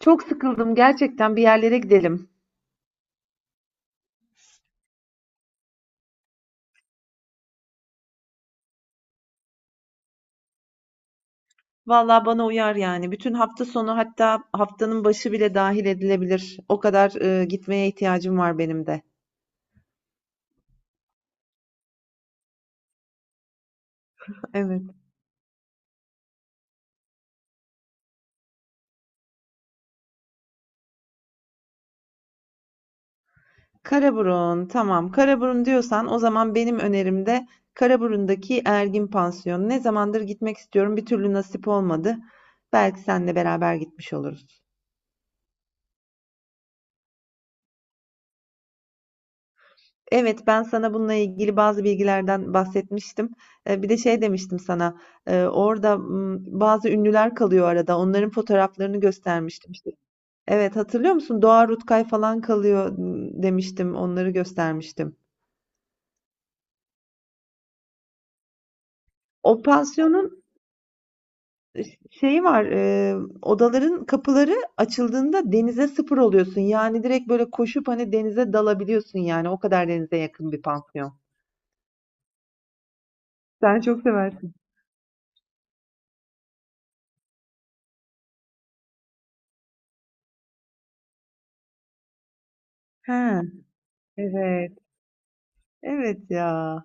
Çok sıkıldım gerçekten, bir yerlere gidelim. Vallahi bana uyar yani. Bütün hafta sonu, hatta haftanın başı bile dahil edilebilir. O kadar gitmeye ihtiyacım var benim de. Evet. Karaburun tamam. Karaburun diyorsan, o zaman benim önerimde Karaburun'daki Ergin Pansiyonu. Ne zamandır gitmek istiyorum, bir türlü nasip olmadı. Belki seninle beraber gitmiş oluruz. Evet, ben sana bununla ilgili bazı bilgilerden bahsetmiştim. Bir de şey demiştim sana, orada bazı ünlüler kalıyor arada, onların fotoğraflarını göstermiştim. İşte, evet, hatırlıyor musun? Doğa Rutkay falan kalıyor demiştim, onları göstermiştim. O pansiyonun şeyi var, odaların kapıları açıldığında denize sıfır oluyorsun. Yani direkt böyle koşup hani denize dalabiliyorsun yani, o kadar denize yakın bir pansiyon. Sen çok seversin. Ha, evet, evet ya.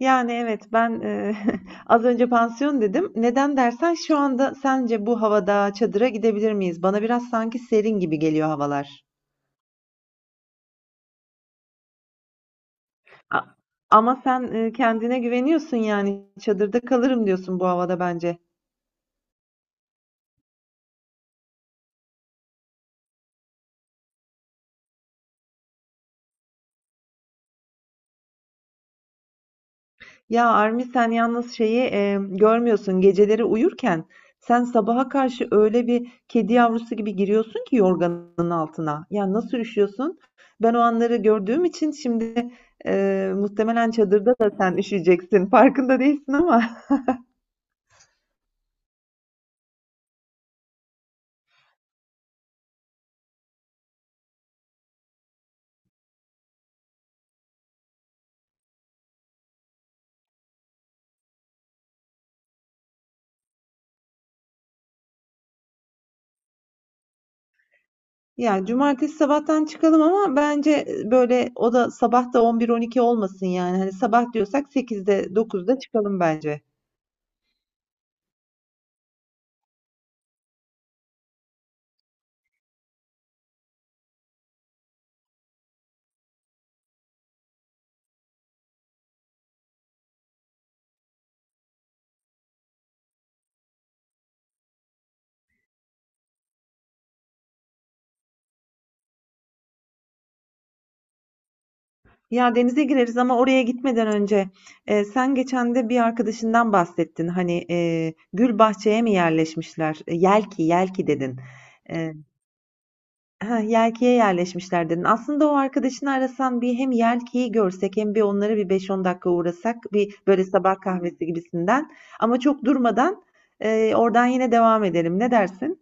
Yani, evet, ben, az önce pansiyon dedim. Neden dersen, şu anda sence bu havada çadıra gidebilir miyiz? Bana biraz sanki serin gibi geliyor havalar. A ama sen, kendine güveniyorsun, yani, çadırda kalırım diyorsun bu havada bence. Ya Armi, sen yalnız şeyi görmüyorsun. Geceleri uyurken sen sabaha karşı öyle bir kedi yavrusu gibi giriyorsun ki yorganın altına. Ya nasıl üşüyorsun? Ben o anları gördüğüm için şimdi muhtemelen çadırda da sen üşüyeceksin. Farkında değilsin ama. Ya cumartesi sabahtan çıkalım, ama bence böyle o da sabah da 11-12 olmasın yani. Hani sabah diyorsak 8'de 9'da çıkalım bence. Ya denize gireriz, ama oraya gitmeden önce sen geçen de bir arkadaşından bahsettin. Hani gül Bahçeye mi yerleşmişler? E, Yelki, Yelki dedin. E, ha, Yelki'ye yerleşmişler dedin. Aslında o arkadaşını arasan, bir hem Yelki'yi görsek, hem bir onlara bir 5-10 dakika uğrasak, bir böyle sabah kahvesi gibisinden. Ama çok durmadan oradan yine devam edelim. Ne dersin?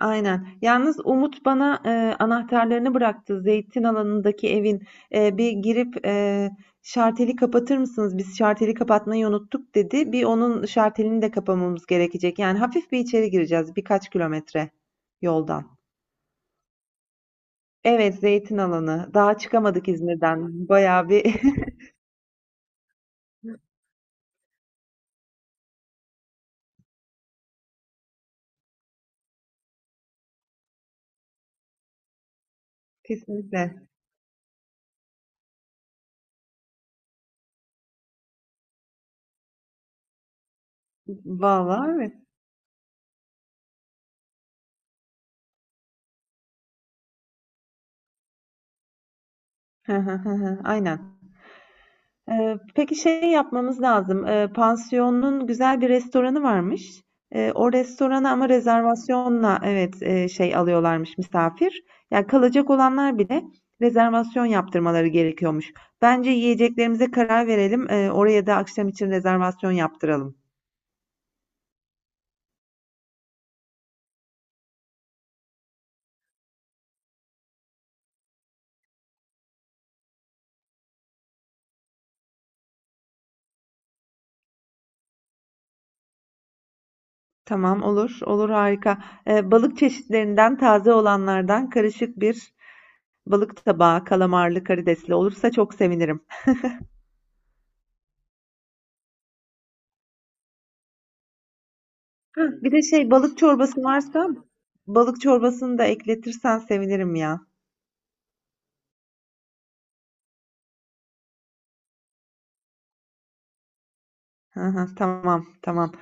Aynen. Yalnız Umut bana anahtarlarını bıraktı. Zeytin alanındaki evin. Bir girip şarteli kapatır mısınız? Biz şarteli kapatmayı unuttuk, dedi. Bir onun şartelini de kapamamız gerekecek. Yani hafif bir içeri gireceğiz, birkaç kilometre yoldan. Evet, zeytin alanı. Daha çıkamadık İzmir'den. Bayağı bir kesinlikle. Vallahi evet. Aynen. Peki şey yapmamız lazım, pansiyonun güzel bir restoranı varmış. O restorana ama rezervasyonla, evet, şey alıyorlarmış misafir. Yani kalacak olanlar bile rezervasyon yaptırmaları gerekiyormuş. Bence yiyeceklerimize karar verelim. Oraya da akşam için rezervasyon yaptıralım. Tamam, olur. Olur, harika. Balık çeşitlerinden taze olanlardan karışık bir balık tabağı kalamarlı karidesli olursa çok sevinirim. Hah, bir de şey, balık çorbası varsa balık çorbasını da ekletirsen sevinirim ya. Hı hı, tamam tamam.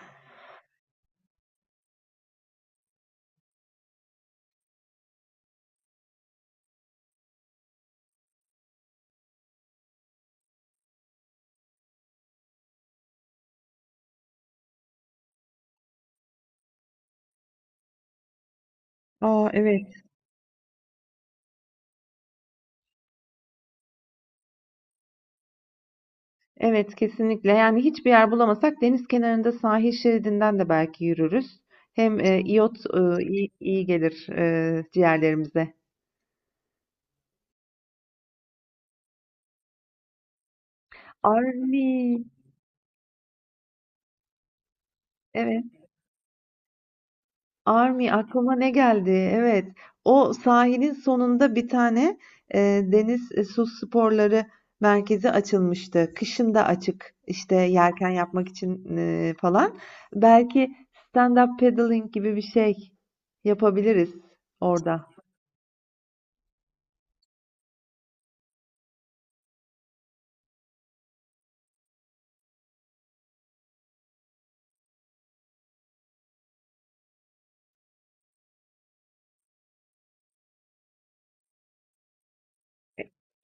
Aa, evet. Evet, kesinlikle. Yani hiçbir yer bulamasak, deniz kenarında sahil şeridinden de belki yürürüz. Hem iyot iyi gelir ciğerlerimize. Arvi. Evet. Army, aklıma ne geldi? Evet. O sahilin sonunda bir tane e, deniz su sporları merkezi açılmıştı. Kışın da açık, işte yelken yapmak için falan. Belki stand-up paddling gibi bir şey yapabiliriz orada.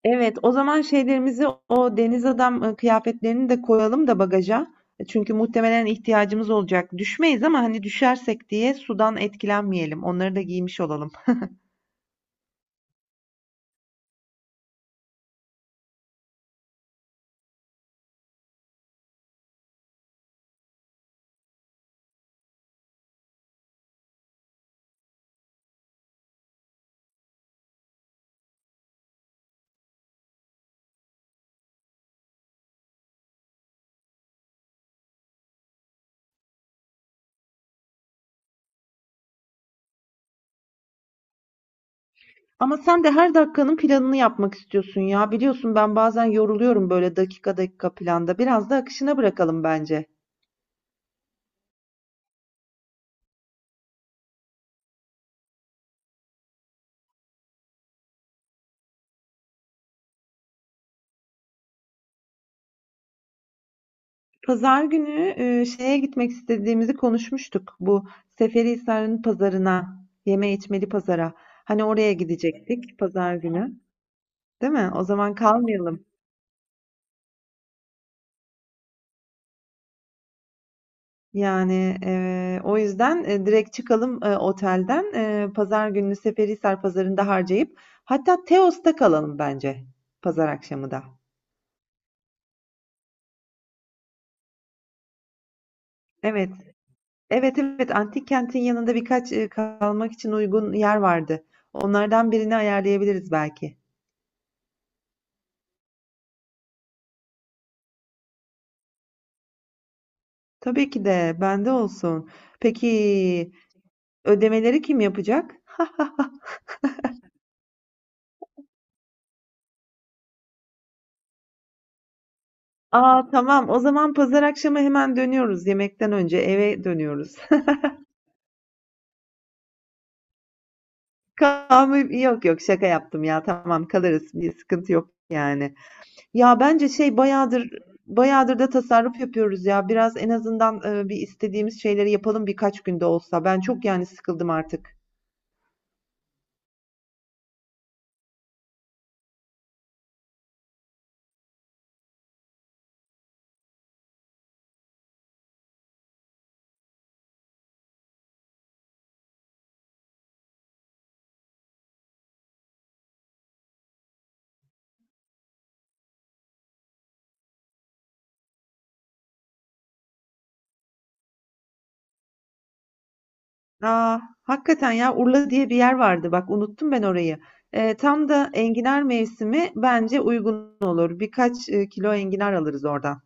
Evet, o zaman şeylerimizi, o deniz adam kıyafetlerini de koyalım da bagaja. Çünkü muhtemelen ihtiyacımız olacak. Düşmeyiz, ama hani düşersek diye sudan etkilenmeyelim. Onları da giymiş olalım. Ama sen de her dakikanın planını yapmak istiyorsun ya. Biliyorsun, ben bazen yoruluyorum böyle dakika dakika planda. Biraz da akışına bırakalım bence. Pazar günü şeye gitmek istediğimizi konuşmuştuk. Bu Seferihisar'ın pazarına, yeme içmeli pazara. Hani oraya gidecektik pazar günü, değil mi? O zaman kalmayalım. Yani, o yüzden direkt çıkalım, otelden. E, pazar gününü Seferihisar pazarında harcayıp hatta Teos'ta kalalım bence, pazar akşamı da. Evet. Evet evet, antik kentin yanında birkaç kalmak için uygun yer vardı. Onlardan birini ayarlayabiliriz belki. Tabii ki de bende olsun. Peki, ödemeleri kim yapacak? Aa, tamam, o zaman pazar akşamı hemen dönüyoruz. Yemekten önce eve dönüyoruz. Kahve yok yok, şaka yaptım ya, tamam kalırız, bir sıkıntı yok yani. Ya bence şey, bayağıdır bayağıdır da tasarruf yapıyoruz ya. Biraz en azından bir istediğimiz şeyleri yapalım, birkaç günde olsa. Ben çok yani sıkıldım artık. Aa, hakikaten ya, Urla diye bir yer vardı. Bak, unuttum ben orayı. Tam da enginar mevsimi, bence uygun olur. Birkaç kilo enginar alırız oradan.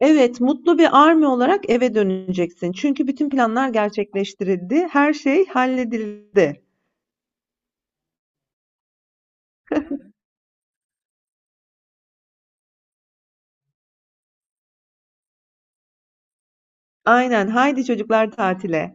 Evet, mutlu bir Army olarak eve döneceksin. Çünkü bütün planlar gerçekleştirildi. Her şey halledildi. Aynen. Haydi çocuklar, tatile.